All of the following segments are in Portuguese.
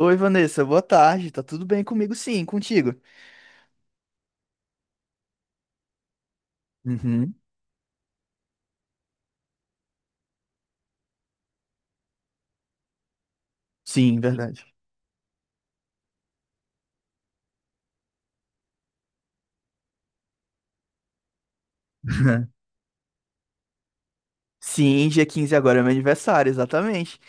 Oi, Vanessa, boa tarde. Tá tudo bem comigo? Sim, contigo. Uhum. Sim, verdade. Sim, dia 15 agora é meu aniversário, exatamente.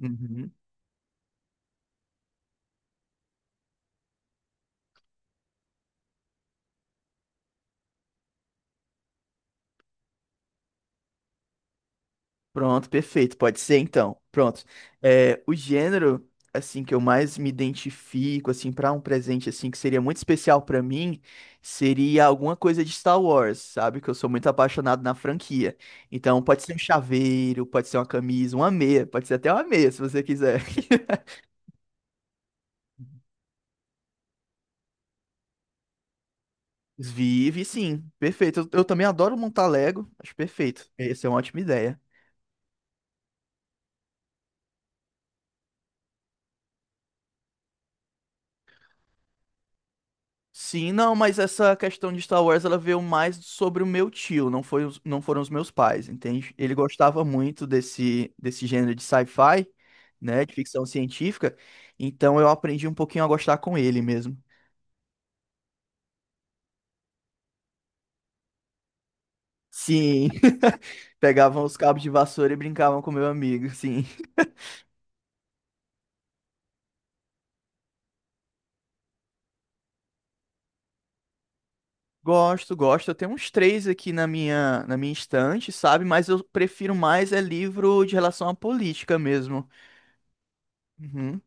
Uhum. Pronto, perfeito. Pode ser então. Pronto. É, o gênero assim que eu mais me identifico assim para um presente assim que seria muito especial para mim seria alguma coisa de Star Wars, sabe? Que eu sou muito apaixonado na franquia. Então pode ser um chaveiro, pode ser uma camisa, uma meia, pode ser até uma meia se você quiser. Vive, sim. Perfeito. Eu também adoro montar Lego. Acho perfeito. Essa é uma ótima ideia. Sim, não, mas essa questão de Star Wars, ela veio mais sobre o meu tio, não foi, não foram os meus pais, entende? Ele gostava muito desse gênero de sci-fi, né, de ficção científica, então eu aprendi um pouquinho a gostar com ele mesmo. Sim, pegavam os cabos de vassoura e brincavam com meu amigo, sim. Gosto, gosto. Eu tenho uns três aqui na minha estante, sabe? Mas eu prefiro mais é livro de relação à política mesmo. Uhum,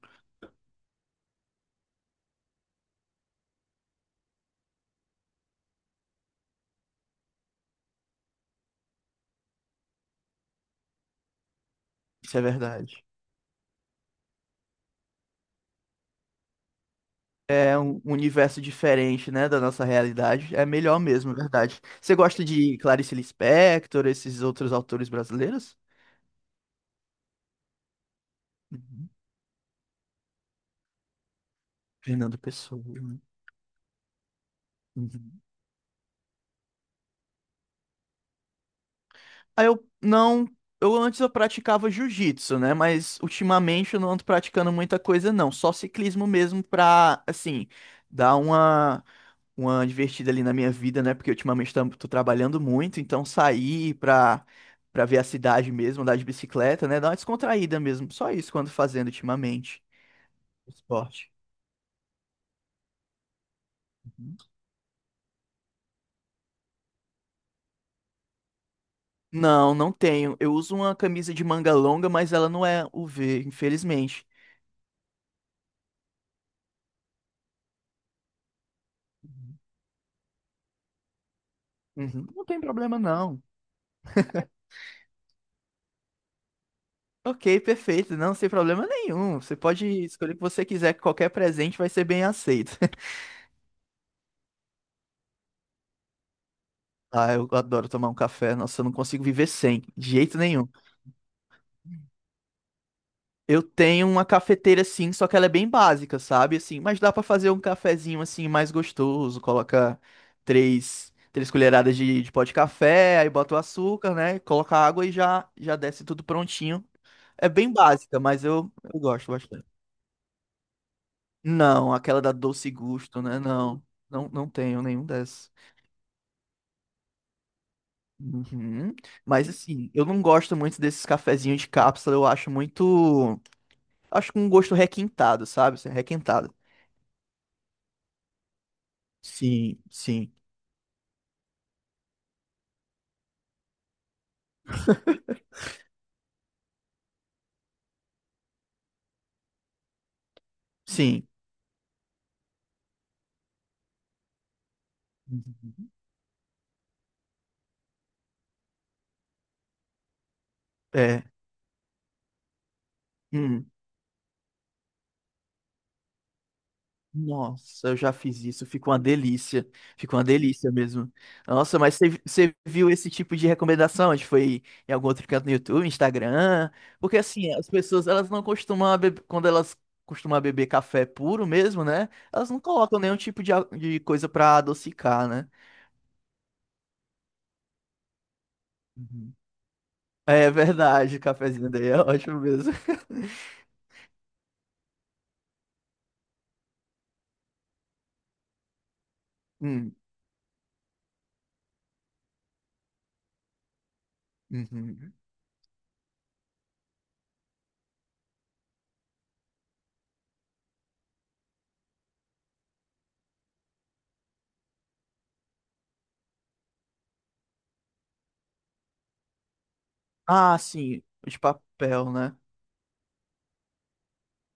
isso é verdade. É um universo diferente, né, da nossa realidade. É melhor mesmo, é verdade. Você gosta de Clarice Lispector, esses outros autores brasileiros? Uhum. Fernando Pessoa. Né? Uhum. Aí eu não. Eu antes eu praticava jiu-jitsu, né? Mas ultimamente eu não ando praticando muita coisa, não. Só ciclismo mesmo pra, assim, dar uma divertida ali na minha vida, né? Porque ultimamente tô trabalhando muito, então sair pra, pra ver a cidade mesmo, andar de bicicleta, né? Dar uma descontraída mesmo. Só isso quando fazendo ultimamente. Esporte. Uhum. Não, não tenho. Eu uso uma camisa de manga longa, mas ela não é UV infelizmente. Uhum. Não tem problema, não. Ok, perfeito. Não, sem problema nenhum. Você pode escolher o que você quiser, que qualquer presente vai ser bem aceito. Ah, eu adoro tomar um café. Nossa, eu não consigo viver sem, de jeito nenhum. Eu tenho uma cafeteira sim, só que ela é bem básica, sabe? Assim, mas dá pra fazer um cafezinho assim mais gostoso. Coloca três colheradas de pó de café, aí bota o açúcar, né? Coloca água e já já desce tudo prontinho. É bem básica, mas eu gosto bastante. Não, aquela da Doce Gusto, né? Não, não tenho nenhum dessas. Uhum. Mas assim, eu não gosto muito desses cafezinhos de cápsula, eu acho muito. Acho com um gosto requintado, sabe? Assim, Requintado. Sim, sim, sim. Uhum. É. Hum. Nossa, eu já fiz isso, ficou uma delícia. Ficou uma delícia mesmo. Nossa, mas você viu esse tipo de recomendação? A gente foi em algum outro canto no YouTube, Instagram? Porque assim, as pessoas, elas não costumam beber, quando elas costumam beber café puro mesmo, né? Elas não colocam nenhum tipo de, de coisa pra adocicar, né? Uhum. É verdade, o cafezinho daí é ótimo mesmo. Hum, uhum. Ah, sim, de papel, né?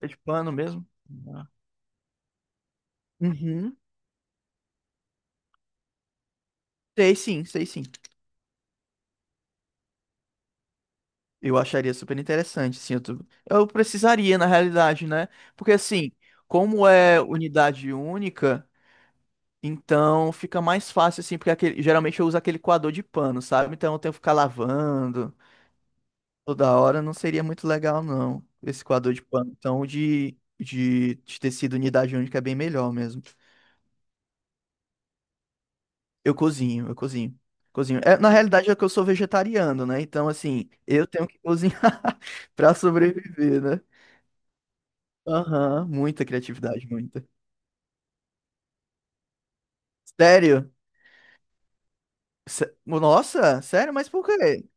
É de pano mesmo? Ah. Uhum. Sei sim, sei sim. Eu acharia super interessante, sim. Eu precisaria, na realidade, né? Porque, assim, como é unidade única, então fica mais fácil, assim, porque geralmente eu uso aquele coador de pano, sabe? Então eu tenho que ficar lavando toda hora, não seria muito legal, não, esse coador de pano. Então, o de tecido unidade única é bem melhor mesmo. Eu cozinho, eu cozinho. Cozinho. É, na realidade é que eu sou vegetariano, né? Então, assim, eu tenho que cozinhar pra sobreviver, né? Aham, muita criatividade, muita. Sério? Nossa, sério? Mas por quê?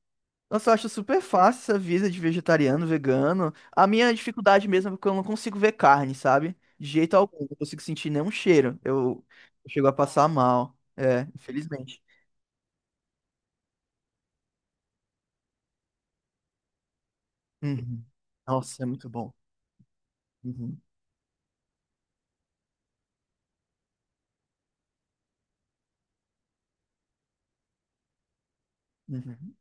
Nossa, eu acho super fácil essa vida de vegetariano, vegano. A minha dificuldade mesmo é porque eu não consigo ver carne, sabe? De jeito algum, não consigo sentir nenhum cheiro. Eu chego a passar mal. É, infelizmente. Uhum. Nossa, é muito bom. Uhum, uhum,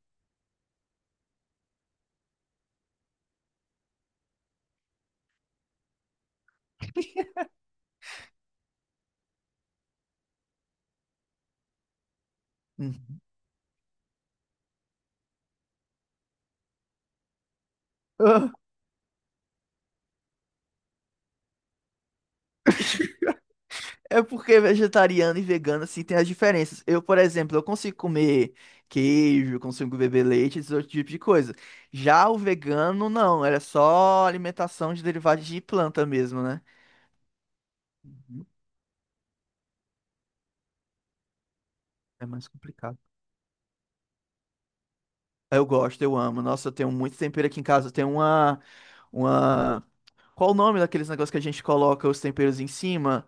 uhum. É porque é vegetariano e vegano, assim, tem as diferenças. Eu, por exemplo, eu consigo comer queijo, consigo beber leite, esse outro tipo de coisa. Já o vegano, não. Era só alimentação de derivados de planta mesmo, né? Uhum. É mais complicado. Eu gosto, eu amo. Nossa, eu tenho muito tempero aqui em casa. Uma... Qual o nome daqueles negócios que a gente coloca os temperos em cima?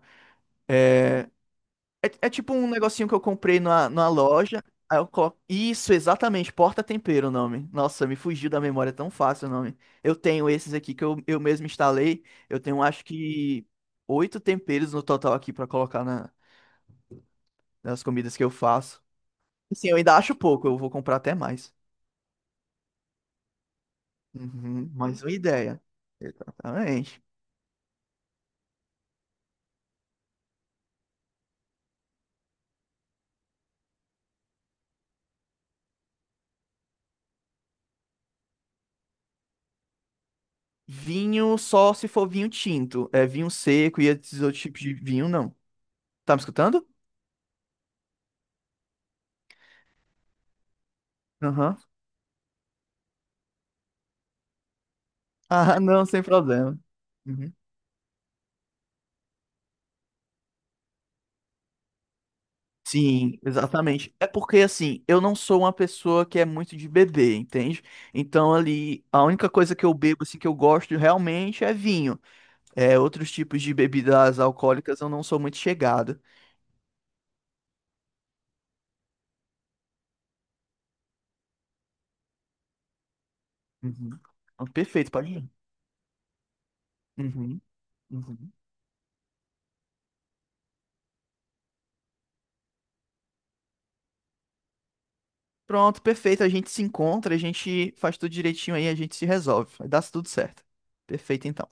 É, é tipo um negocinho que eu comprei numa loja. Aí eu coloco. Isso, exatamente. Porta-tempero o nome. Nossa, me fugiu da memória é tão fácil o nome. Eu tenho esses aqui que eu mesmo instalei. Eu tenho acho que oito temperos no total aqui pra colocar nas comidas que eu faço. Assim, eu ainda acho pouco, eu vou comprar até mais. Uhum, mais uma ideia. Exatamente. Vinho só se for vinho tinto. É vinho seco e esses outros tipos de vinho, não. Tá me escutando? Aham. Ah, não, sem problema. Uhum. Sim, exatamente. É porque assim, eu não sou uma pessoa que é muito de beber, entende? Então ali, a única coisa que eu bebo assim que eu gosto realmente é vinho. É, outros tipos de bebidas alcoólicas eu não sou muito chegado. Uhum. Ah, Perfeito, pode ir. Uhum, uhum. Pronto, perfeito. A gente se encontra, a gente faz tudo direitinho aí, a gente se resolve. Vai dar tudo certo. Perfeito, então.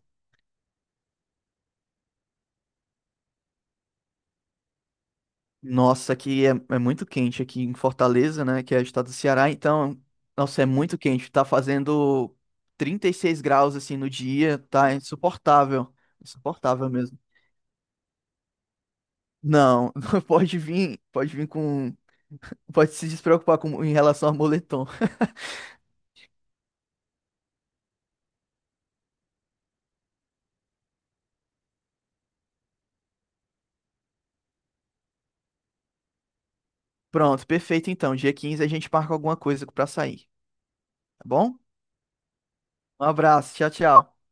Nossa, aqui é muito quente aqui em Fortaleza, né? Que é o estado do Ceará, então, nossa, é muito quente. Tá fazendo 36 graus assim no dia, tá insuportável. Insuportável mesmo. Não, pode vir com. Pode se despreocupar com, em relação a moletom. Pronto, perfeito então. Dia 15 a gente marca alguma coisa pra sair, tá bom? Um abraço, tchau, tchau.